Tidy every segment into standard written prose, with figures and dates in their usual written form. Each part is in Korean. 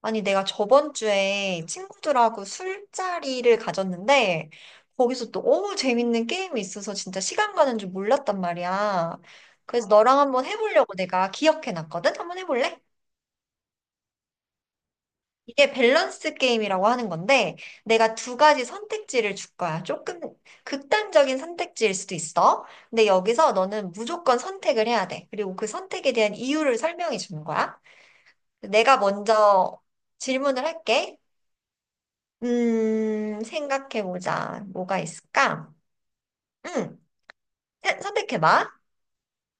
아니, 내가 저번 주에 친구들하고 술자리를 가졌는데, 거기서 또 너무 재밌는 게임이 있어서 진짜 시간 가는 줄 몰랐단 말이야. 그래서 너랑 한번 해보려고 내가 기억해놨거든? 한번 해볼래? 이게 밸런스 게임이라고 하는 건데, 내가 두 가지 선택지를 줄 거야. 조금 극단적인 선택지일 수도 있어. 근데 여기서 너는 무조건 선택을 해야 돼. 그리고 그 선택에 대한 이유를 설명해 주는 거야. 내가 먼저 질문을 할게. 생각해보자. 뭐가 있을까? 음, 선택해봐.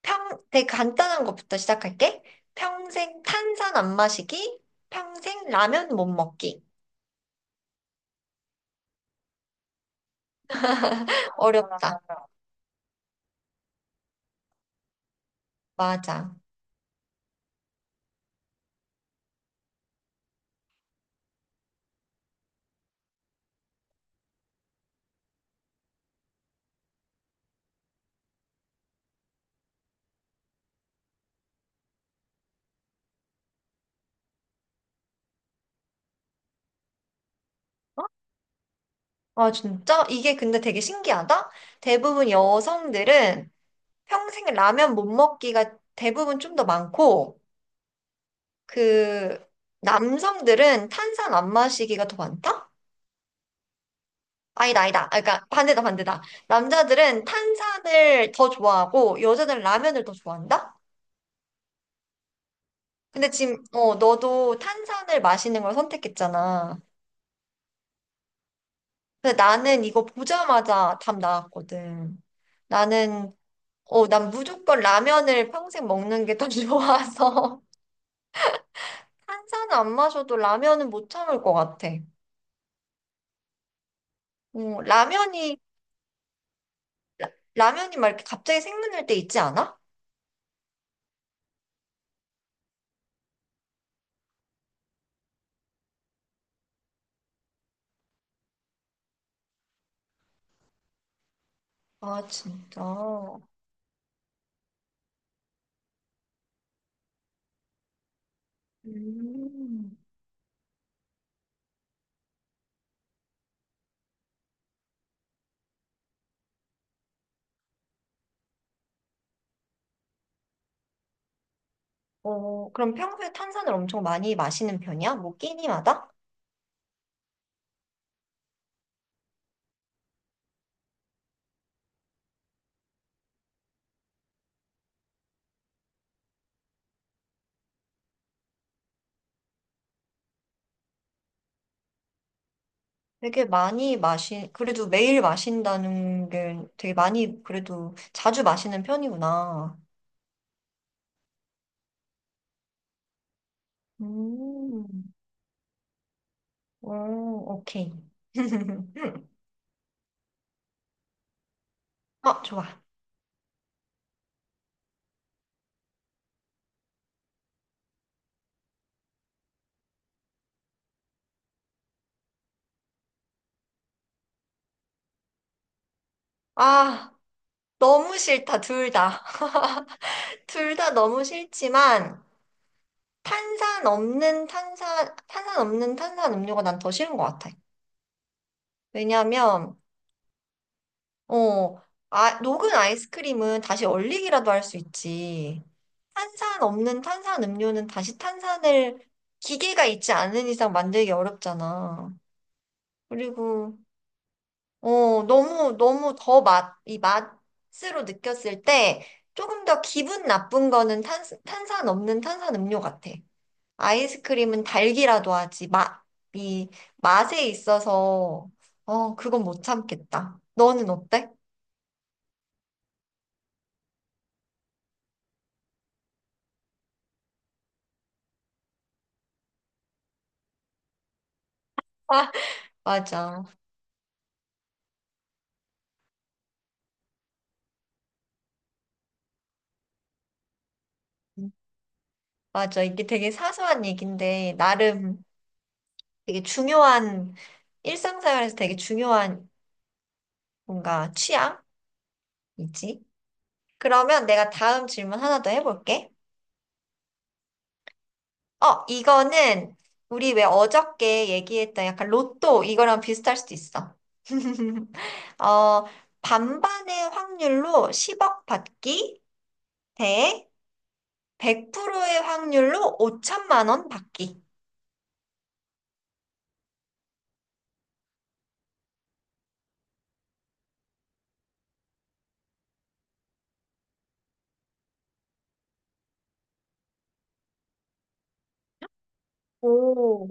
평, 되게 간단한 것부터 시작할게. 평생 탄산 안 마시기, 평생 라면 못 먹기. 어렵다. 맞아. 아, 진짜? 이게 근데 되게 신기하다? 대부분 여성들은 평생 라면 못 먹기가 대부분 좀 더 많고, 그, 남성들은 탄산 안 마시기가 더 많다? 아니다, 아니다. 아, 그러니까 반대다, 반대다. 남자들은 탄산을 더 좋아하고 여자들은 라면을 더 좋아한다? 근데 지금 너도 탄산을 마시는 걸 선택했잖아. 근데 나는 이거 보자마자 답 나왔거든. 나는 난 무조건 라면을 평생 먹는 게 더 좋아서 탄산안 마셔도 라면은 못 참을 것 같아. 어, 라면이 라면이 막 이렇게 갑자기 생각날 때 있지 않아? 아, 진짜. 음. 어, 그럼 평소에 탄산을 엄청 많이 마시는 편이야? 뭐 끼니마다? 그래도 매일 마신다는 게 되게 많이, 그래도 자주 마시는 편이구나. 음, 오, 오케이. 어, 좋아. 아, 너무 싫다, 둘 다. 둘 다 너무 싫지만, 탄산 없는 탄산 음료가 난 더 싫은 것 같아. 왜냐면, 어, 아, 녹은 아이스크림은 다시 얼리기라도 할 수 있지. 탄산 없는 탄산 음료는 다시 탄산을 기계가 있지 않은 이상 만들기 어렵잖아. 그리고, 너무 더 맛, 이 맛으로 느꼈을 때 조금 더 기분 나쁜 거는 탄산 없는 탄산 음료 같아. 아이스크림은 달기라도 하지. 맛, 이 맛에 있어서, 어, 그건 못 참겠다. 너는 어때? 맞아. 맞아. 이게 되게 사소한 얘기인데, 나름 되게 중요한, 일상생활에서 되게 중요한 뭔가 취향이지. 그러면 내가 다음 질문 하나 더 해볼게. 어, 이거는 우리 왜 어저께 얘기했던 약간 로또 이거랑 비슷할 수도 있어. 어, 반반의 확률로 10억 받기 대 100%의 확률로 5천만 원 받기. 오.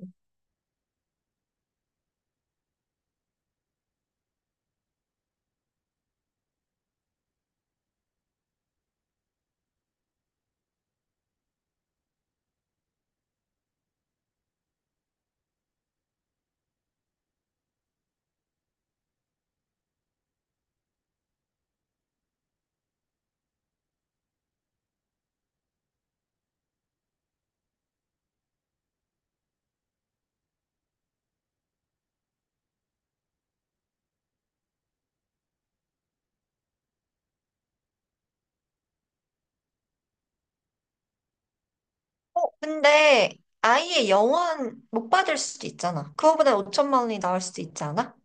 어, 근데 아예 영원 못 받을 수도 있잖아. 그거보다 5천만 원이 나올 수도 있지 않아?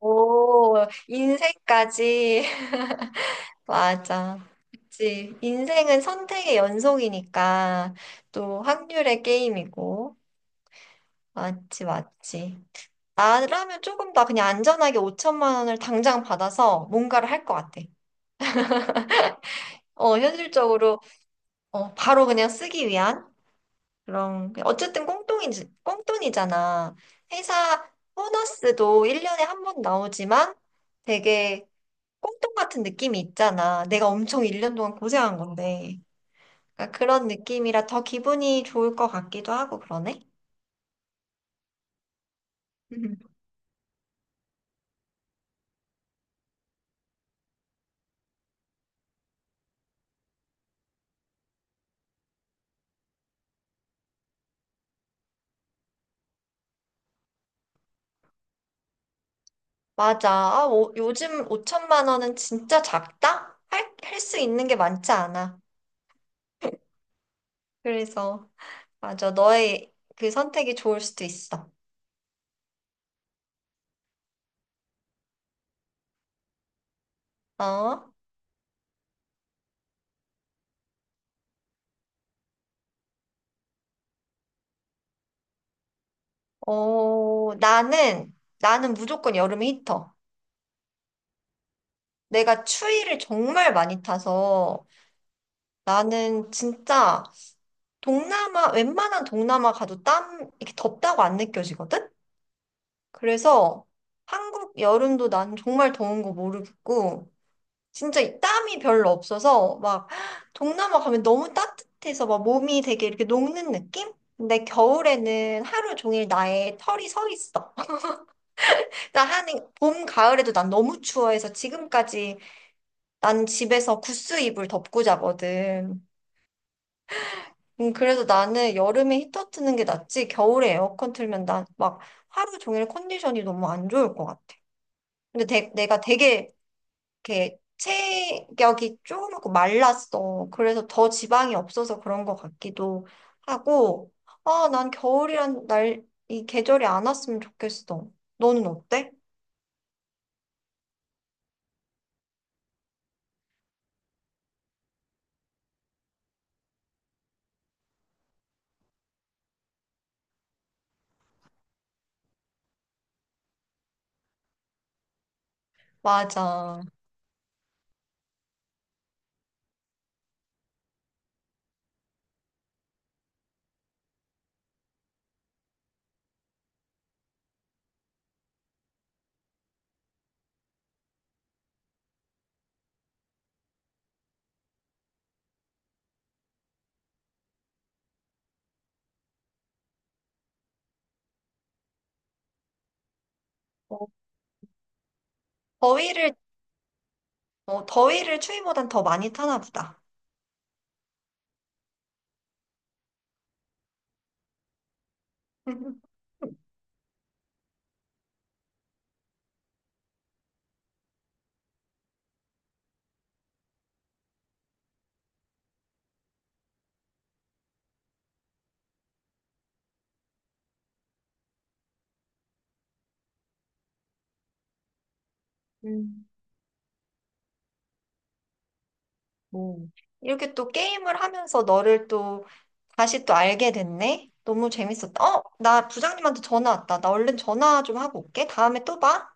오, 인생까지. 맞아. 그치. 인생은 선택의 연속이니까 또 확률의 게임이고. 맞지, 맞지. 나라면 조금 더 그냥 안전하게 5천만 원을 당장 받아서 뭔가를 할 것 같아. 어, 현실적으로, 어, 바로 그냥 쓰기 위한? 그럼 어쨌든 꽁돈이잖아. 회사 보너스도 1년에 한 번 나오지만 되게 꽁돈 같은 느낌이 있잖아. 내가 엄청 1년 동안 고생한 건데. 그러니까 그런 느낌이라 더 기분이 좋을 것 같기도 하고 그러네. 음. 맞아. 아, 오- 요즘 5천만 원은 진짜 작다? 할, 할 수 있는 게 많지 않아. 그래서 맞아. 너의 그 선택이 좋을 수도 있어. 어? 어, 나는, 나는 무조건 여름 히터. 내가 추위를 정말 많이 타서 나는 진짜 동남아, 웬만한 동남아 가도 땀, 이렇게 덥다고 안 느껴지거든? 그래서 한국 여름도 난 정말 더운 거 모르겠고, 진짜 이 땀이 별로 없어서 막 동남아 가면 너무 따뜻해서 막 몸이 되게 이렇게 녹는 느낌? 근데 겨울에는 하루 종일 나의 털이 서 있어. 나 하는 봄, 가을에도 난 너무 추워해서 지금까지 난 집에서 구스 이불 덮고 자거든. 그래서 나는 여름에 히터 트는 게 낫지 겨울에 에어컨 틀면 난 막 하루 종일 컨디션이 너무 안 좋을 것 같아. 근데 내가 되게 이렇게 체격이 쪼그랗고 말랐어. 그래서 더 지방이 없어서 그런 것 같기도 하고, 아, 난 겨울이란 날, 이 계절이 안 왔으면 좋겠어. 너는 어때? 맞아. 어, 더위를 어, 더위를 추위보단 더 많이 타나 보다. 음. 뭐. 이렇게 또 게임을 하면서 너를 또 다시 또 알게 됐네. 너무 재밌었다. 어, 나 부장님한테 전화 왔다. 나 얼른 전화 좀 하고 올게. 다음에 또 봐.